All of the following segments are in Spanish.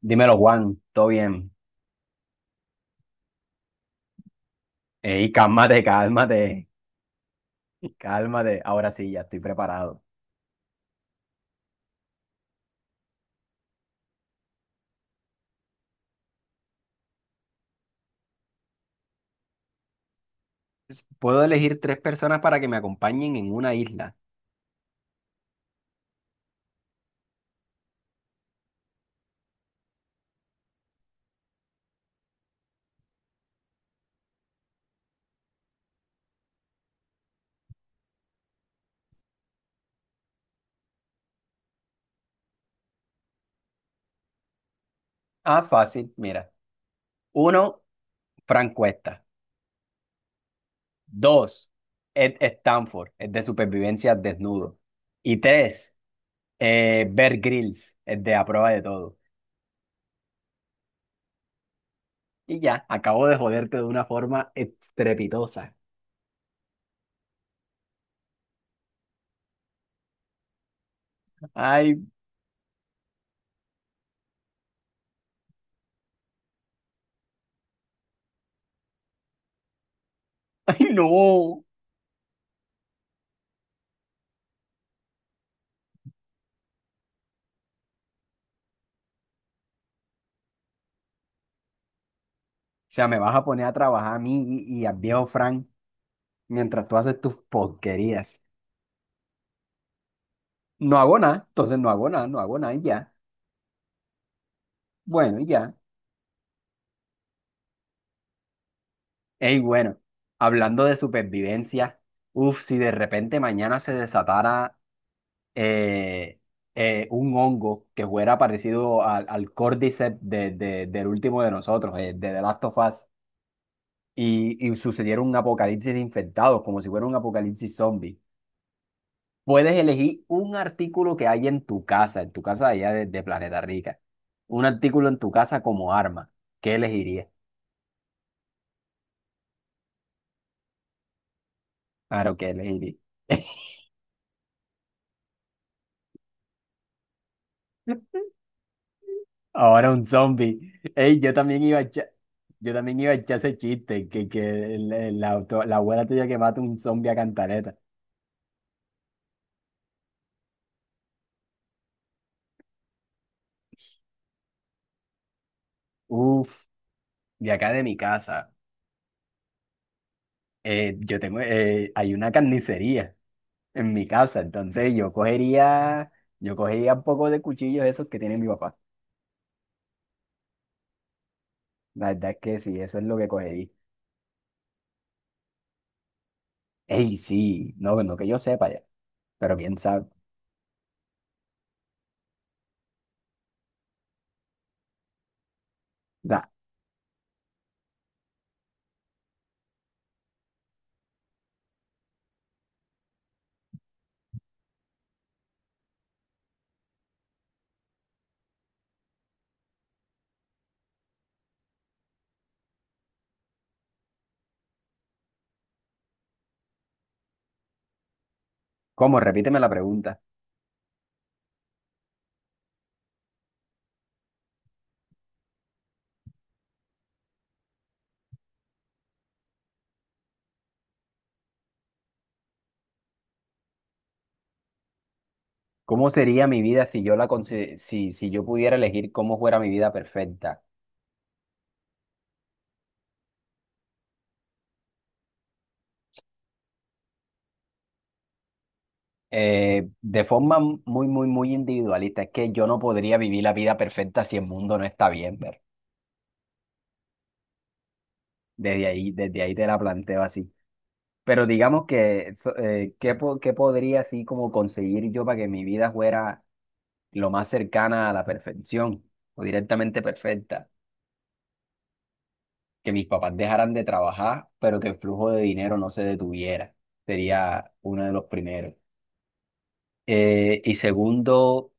Dímelo, Juan, todo bien. Ey, cálmate. Ahora sí, ya estoy preparado. Puedo elegir tres personas para que me acompañen en una isla. Ah, fácil, mira. Uno, Frank Cuesta. Dos, Ed Stanford, el de supervivencia desnudo. Y tres, Bear Grylls, el de a prueba de todo. Y ya, acabo de joderte de una forma estrepitosa. Ay, ay, no. O sea, me vas a poner a trabajar a mí y al viejo Frank, mientras tú haces tus porquerías. No hago nada, entonces no hago nada, no hago nada y ya. Bueno, y ya. Ey, bueno, hablando de supervivencia, uff, si de repente mañana se desatara eh, un hongo que fuera parecido al, al Cordyceps del último de nosotros, de The Last of Us, y sucediera un apocalipsis de infectados, como si fuera un apocalipsis zombie. Puedes elegir un artículo que hay en tu casa allá de Planeta Rica. Un artículo en tu casa como arma. ¿Qué elegirías? Claro, ¿qué elegirías? Ahora un zombie. Ey, yo también iba a echar, yo también iba a echar ese chiste, que la abuela tuya que mata un zombie a cantareta. Uf, de acá de mi casa, yo tengo, hay una carnicería en mi casa, entonces yo cogería un poco de cuchillos esos que tiene mi papá. La verdad es que sí, eso es lo que cogí. Ey, sí, no, no que yo sepa ya, pero quién sabe. Da, ¿cómo? Repíteme la pregunta. ¿Cómo sería mi vida si yo la si, si yo pudiera elegir cómo fuera mi vida perfecta? De forma muy, muy, muy individualista, es que yo no podría vivir la vida perfecta si el mundo no está bien, ver. Desde ahí te la planteo así. Pero digamos que, ¿qué, qué podría así como conseguir yo para que mi vida fuera lo más cercana a la perfección o directamente perfecta? Que mis papás dejaran de trabajar, pero que el flujo de dinero no se detuviera. Sería uno de los primeros. Y segundo,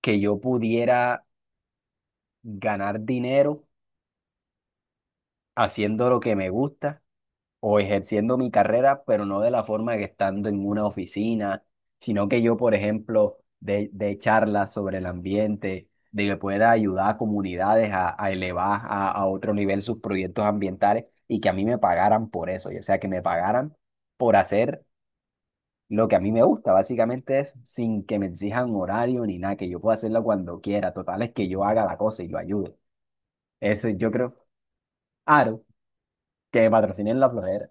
que yo pudiera ganar dinero haciendo lo que me gusta o ejerciendo mi carrera, pero no de la forma que estando en una oficina, sino que yo, por ejemplo, de charlas sobre el ambiente, de que pueda ayudar a comunidades a elevar a otro nivel sus proyectos ambientales y que a mí me pagaran por eso, o sea, que me pagaran por hacer lo que a mí me gusta, básicamente es sin que me exijan horario ni nada, que yo pueda hacerlo cuando quiera, total es que yo haga la cosa y lo ayude. Eso yo creo, Aro, que me patrocinen la florera.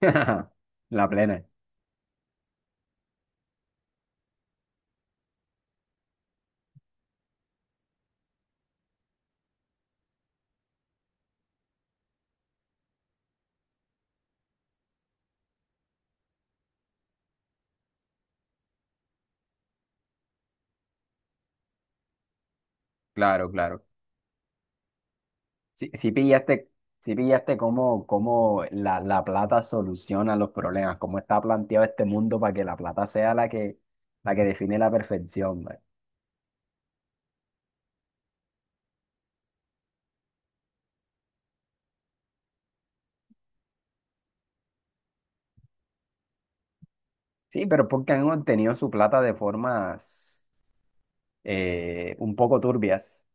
La plena. Claro, claro. Si si pillaste, si pillaste cómo, cómo la, la plata soluciona los problemas, cómo está planteado este mundo para que la plata sea la que define la perfección, ¿vale? Sí, pero porque han obtenido su plata de formas un poco turbias.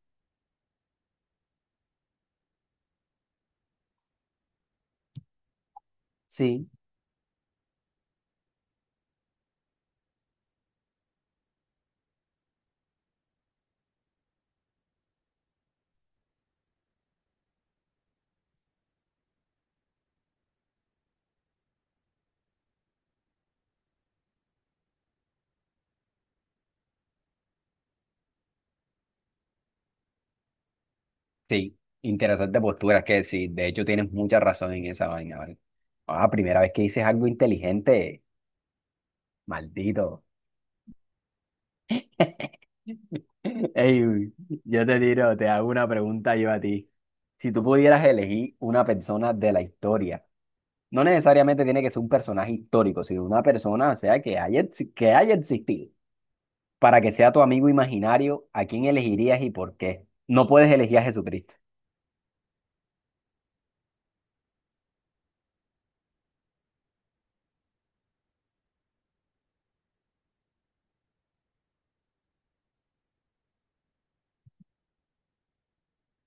Sí. Sí, interesante postura, es que sí, de hecho tienes mucha razón en esa vaina, ¿vale? Ah, primera vez que dices algo inteligente, maldito. Ey, yo te tiro, te hago una pregunta yo a ti. Si tú pudieras elegir una persona de la historia, no necesariamente tiene que ser un personaje histórico, sino una persona, o sea, que haya, que haya existido, para que sea tu amigo imaginario, ¿a quién elegirías y por qué? No puedes elegir a Jesucristo,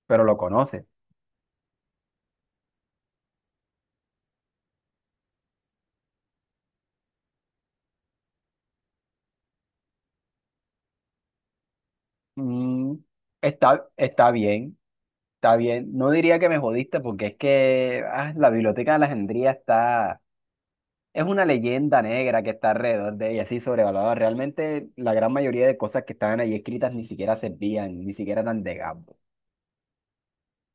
pero lo conoces. Mm, está, está bien, está bien. No diría que me jodiste porque es que ah, la Biblioteca de Alejandría está... Es una leyenda negra que está alrededor de ella, así sobrevalorada. Realmente la gran mayoría de cosas que estaban ahí escritas ni siquiera servían, ni siquiera eran de Gabo.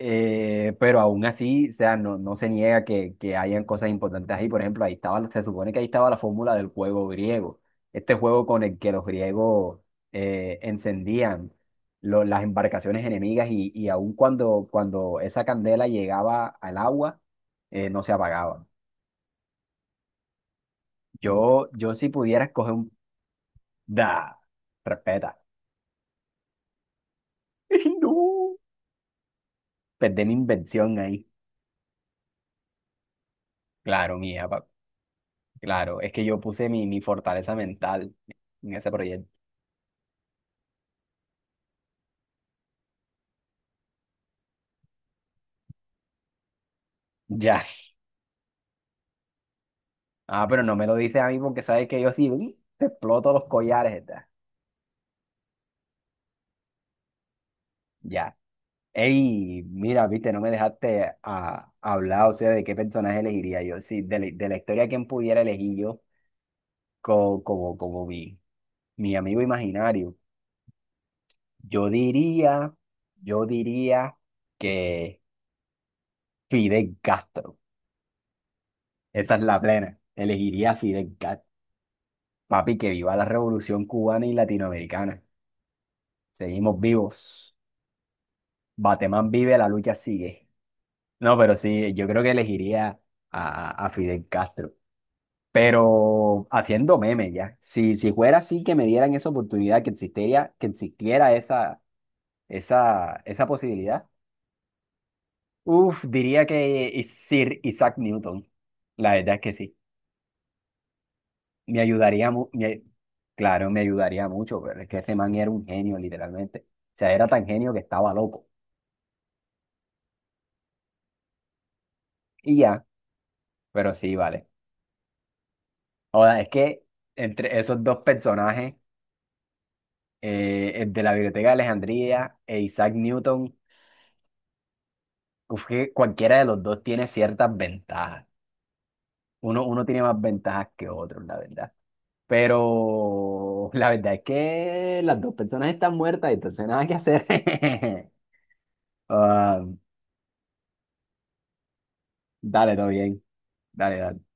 Pero aún así, o sea, no, no se niega que hayan cosas importantes ahí. Por ejemplo, ahí estaba, se supone que ahí estaba la fórmula del juego griego. Este juego con el que los griegos encendían las embarcaciones enemigas y aún cuando, cuando esa candela llegaba al agua, no se apagaba. Yo si pudiera escoger... Da, respeta. No, perdí mi invención ahí. Claro, mía, claro. Es que yo puse mi, mi fortaleza mental en ese proyecto. Ya. Ah, pero no me lo dices a mí porque sabes que yo sí uy, te exploto los collares, da. Ya. Ey, mira, viste, no me dejaste a, hablar, o sea, de qué personaje elegiría yo. Sí, de, de la historia, ¿quién pudiera elegir yo como, como, como mi amigo imaginario? Yo diría, yo diría que... Fidel Castro. Esa es la plena. Elegiría a Fidel Castro. Papi, que viva la revolución cubana y latinoamericana. Seguimos vivos. Batemán vive, la lucha sigue. No, pero sí, yo creo que elegiría a Fidel Castro. Pero haciendo memes ya. Si, si fuera así que me dieran esa oportunidad, que existiera esa posibilidad, uf, diría que Sir Isaac Newton. La verdad es que sí. Me ayudaría, claro, me ayudaría mucho, pero es que ese man era un genio, literalmente. O sea, era tan genio que estaba loco. Y ya, pero sí, vale. Ahora, es que entre esos dos personajes, el de la Biblioteca de Alejandría e Isaac Newton, uf, que cualquiera de los dos tiene ciertas ventajas. Uno, uno tiene más ventajas que otro, la verdad. Pero la verdad es que las dos personas están muertas, entonces nada que hacer. Ah, dale, todo bien. Dale, dale.